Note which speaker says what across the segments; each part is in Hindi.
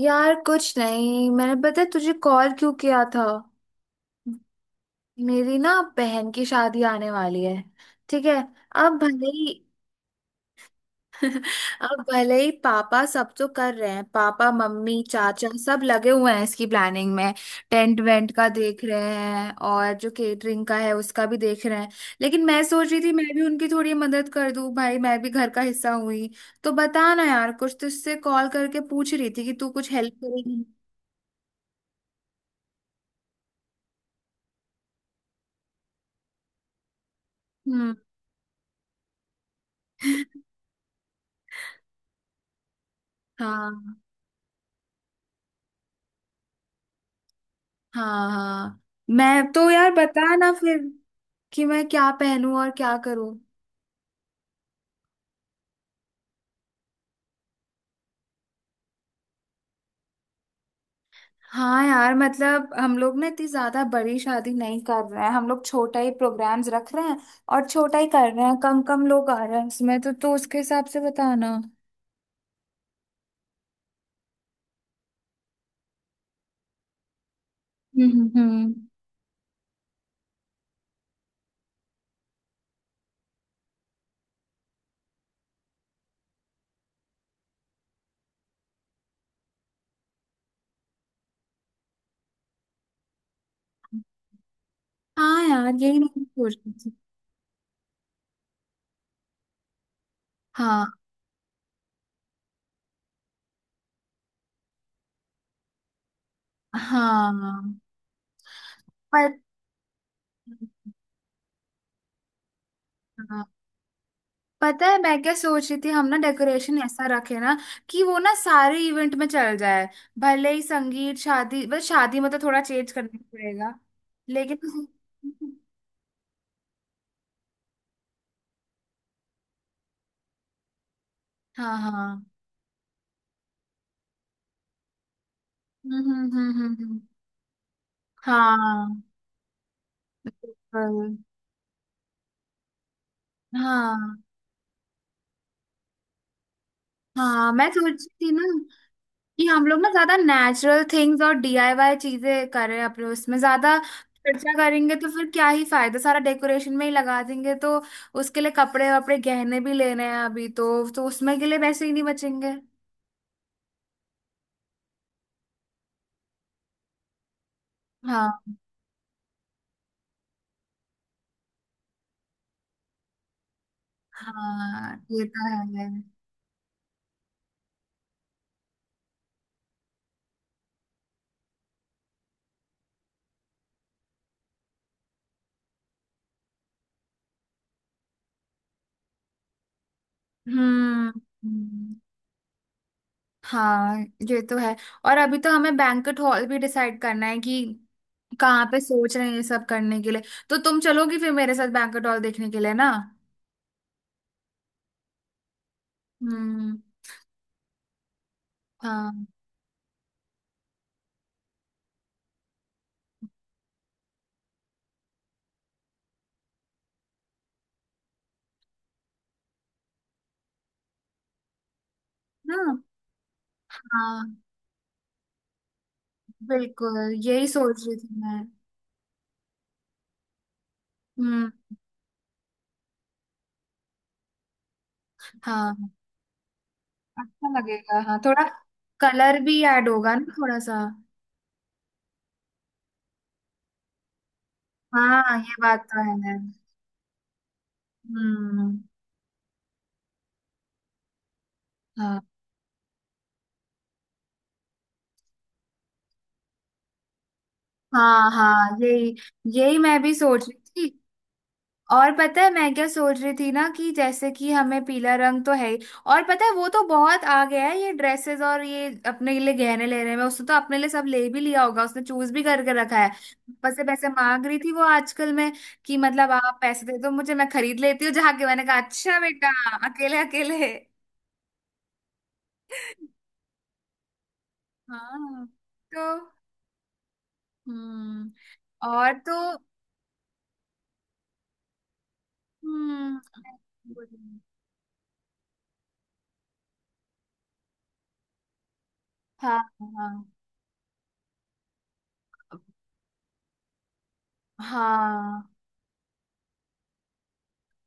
Speaker 1: यार कुछ नहीं। मैंने पता है तुझे कॉल क्यों किया था। मेरी ना बहन की शादी आने वाली है। ठीक है। अब भले ही अब भले ही पापा सब तो कर रहे हैं। पापा मम्मी चाचा सब लगे हुए हैं इसकी प्लानिंग में। टेंट वेंट का देख रहे हैं और जो केटरिंग का है उसका भी देख रहे हैं। लेकिन मैं सोच रही थी मैं भी उनकी थोड़ी मदद कर दूं, भाई मैं भी घर का हिस्सा हुई। तो बता ना यार, कुछ तुझसे कॉल करके पूछ रही थी कि तू कुछ हेल्प करेगी। हम्म। हाँ। हाँ हाँ, मैं तो यार बता ना फिर कि मैं क्या पहनूं और क्या करूं। हाँ यार, मतलब हम लोग ना इतनी ज्यादा बड़ी शादी नहीं कर रहे हैं। हम लोग छोटा ही प्रोग्राम्स रख रहे हैं और छोटा ही कर रहे हैं। कम कम लोग आ रहे हैं इसमें तो उसके हिसाब से बताना। हम्म हम्म हम्म। हाँ यार, यही मैं सोच रही थी। हाँ हाँ। पर हाँ। पता है मैं क्या सोच रही थी? हम ना डेकोरेशन ऐसा रखे ना कि वो ना सारे इवेंट में चल जाए। भले ही संगीत शादी, बस शादी में तो थोड़ा चेंज करना पड़ेगा। लेकिन हाँ हाँ। हम्म हम्म हम्म हम्म, हम्म। हाँ। बिल्कुल। हाँ हाँ, मैं सोच रही थी ना कि हम लोग ना ज्यादा नेचुरल थिंग्स और डीआईवाई चीजें करें। अपने उसमें ज्यादा खर्चा करेंगे तो फिर क्या ही फायदा, सारा डेकोरेशन में ही लगा देंगे तो उसके लिए कपड़े वपड़े गहने भी लेने हैं अभी तो उसमें के लिए पैसे ही नहीं बचेंगे। हाँ हाँ, ये तो है। हम्म हम्म, हाँ ये तो है। और अभी तो हमें बैंक्वेट हॉल भी डिसाइड करना है कि कहाँ पे सोच रहे हैं ये सब करने के लिए। तो तुम चलोगी फिर मेरे साथ बैंक्वेट हॉल देखने के लिए ना? हम्म। हाँ हाँ हाँ, बिल्कुल यही सोच रही थी मैं। हम्म। हाँ अच्छा लगेगा, हाँ थोड़ा कलर भी ऐड होगा ना थोड़ा सा। हाँ, ये बात तो है मैम। हम्म। हाँ हाँ हाँ, यही यही मैं भी सोच रही थी। और पता है मैं क्या सोच रही थी ना कि जैसे कि हमें पीला रंग तो है ही। और पता है वो तो बहुत आ गया है ये ड्रेसेस, और ये अपने लिए गहने लेने में उसने तो अपने लिए सब ले भी लिया होगा, उसने चूज भी करके रखा है। पैसे पैसे मांग रही थी वो आजकल में कि मतलब आप पैसे दे दो मुझे, मैं खरीद लेती हूँ जाके। मैंने कहा अच्छा बेटा, अकेले अकेले। हाँ। तो हम्म। और तो हम्म। हाँ हाँ हाँ।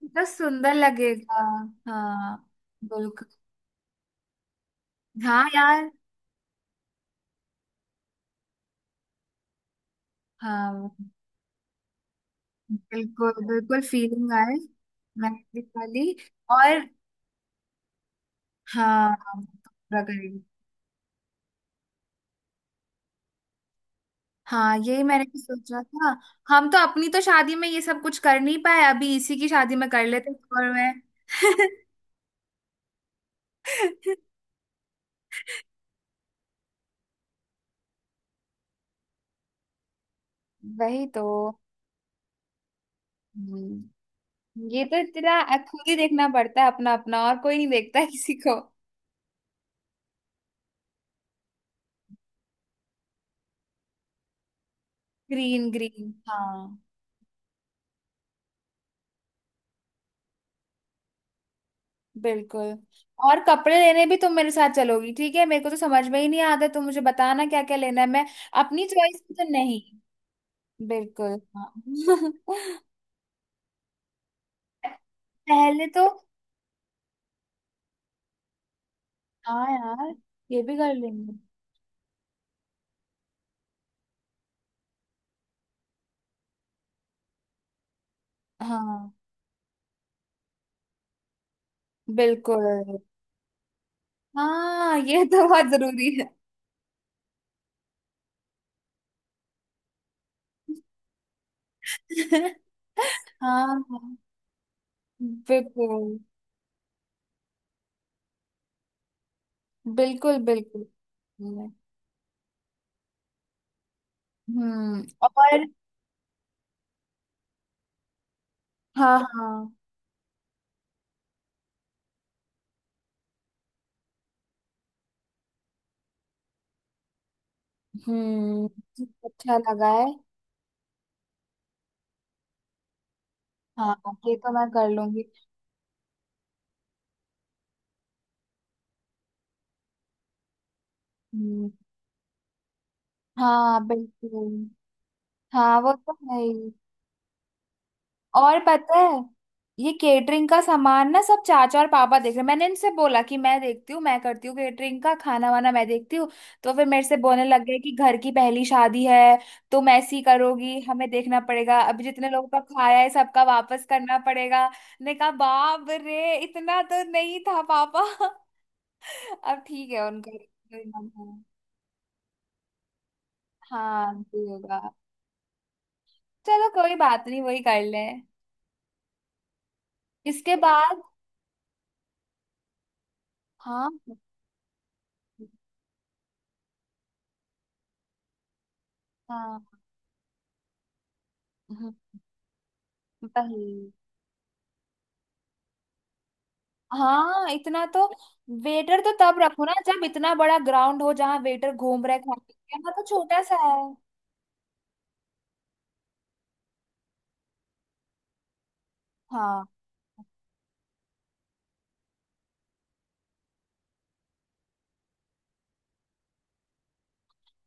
Speaker 1: कितना सुंदर लगेगा। हाँ बिल्कुल। हाँ यार, हाँ बिल्कुल बिल्कुल, फीलिंग आए। मेहंदी वाली। और हाँ, पूरा करेंगे। हाँ, यही मैंने भी सोचा था। हम तो अपनी तो शादी में ये सब कुछ कर नहीं पाए, अभी इसी की शादी में कर लेते। और मैं वही तो। हम्म, ये तो तेरा। खुद ही देखना पड़ता है अपना अपना, और कोई नहीं देखता है किसी को। ग्रीन ग्रीन, हाँ। बिल्कुल। और कपड़े लेने भी तुम मेरे साथ चलोगी, ठीक है? मेरे को तो समझ में ही नहीं आता तो मुझे बताना क्या क्या लेना है। मैं अपनी चॉइस में तो नहीं। बिल्कुल हाँ। पहले तो हाँ यार, ये भी कर लेंगे। हाँ बिल्कुल, हाँ ये तो बहुत जरूरी है। हाँ हाँ, बिल्कुल बिल्कुल। बिल्कुल। और। हाँ हाँ। हम्म, अच्छा लगा है। हाँ, ये तो मैं कर लूंगी। हम्म, हाँ बिल्कुल। हाँ वो तो है ही। और पता है ये केटरिंग का सामान ना सब चाचा और पापा देख रहे हैं। मैंने इनसे बोला कि मैं देखती हूँ, मैं करती हूँ केटरिंग का, खाना वाना मैं देखती हूँ। तो फिर मेरे से बोलने लग गए कि घर की पहली शादी है, तुम ऐसी करोगी, हमें देखना पड़ेगा, अभी जितने लोगों का खाया है सबका वापस करना पड़ेगा। ने कहा बाप रे, इतना तो नहीं था पापा। अब ठीक है उनका। हाँ जी होगा। चलो कोई बात नहीं, वही कर लें इसके बाद। हाँ हाँ। हम्म, वही। हाँ इतना तो, वेटर तो तब रखो ना जब इतना बड़ा ग्राउंड हो जहाँ वेटर घूम रहे खा रहे, यहाँ तो छोटा सा है। हाँ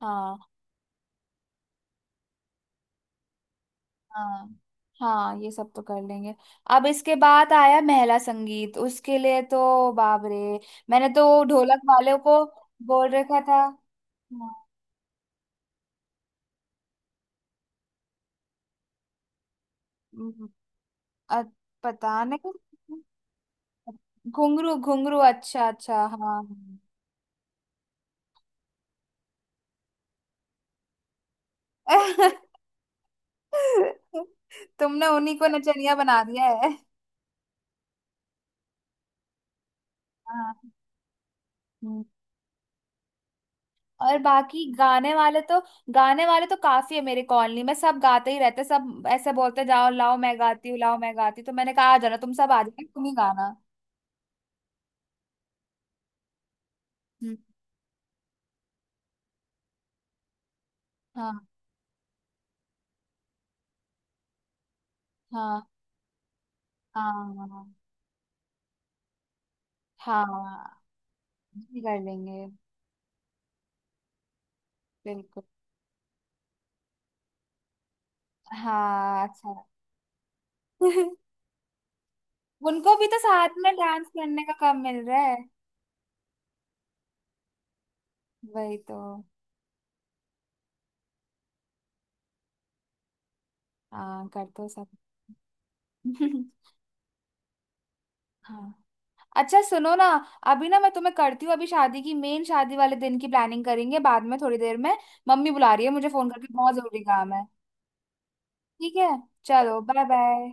Speaker 1: हाँ हाँ, हाँ ये सब तो कर लेंगे। अब इसके बाद आया महिला संगीत, उसके लिए तो बाप रे। मैंने तो ढोलक वाले को बोल रखा था। हाँ, हम्म, अ- पता नहीं। घुंघरू घुंघरू, अच्छा अच्छा हाँ। तुमने उन्हीं को नचनिया बना दिया है। हाँ। हम्म। और बाकी गाने वाले तो, गाने वाले तो काफी है मेरे कॉलोनी में। सब गाते ही रहते, सब ऐसे बोलते जाओ, लाओ मैं गाती हूँ, लाओ मैं गाती हूँ। तो मैंने कहा आ जाना तुम सब, आ जाना तुम ही गाना। हम्म, हाँ हाँ हाँ। हाँ, ये कर लेंगे। बिल्कुल। हाँ अच्छा। उनको भी तो साथ में डांस करने का काम मिल रहा है। वही तो। हाँ कर दो सब। हाँ। अच्छा सुनो ना, अभी ना मैं तुम्हें करती हूँ। अभी शादी की मेन, शादी वाले दिन की प्लानिंग करेंगे बाद में थोड़ी देर में। मम्मी बुला रही है मुझे फोन करके, बहुत जरूरी काम है। ठीक है, चलो बाय बाय।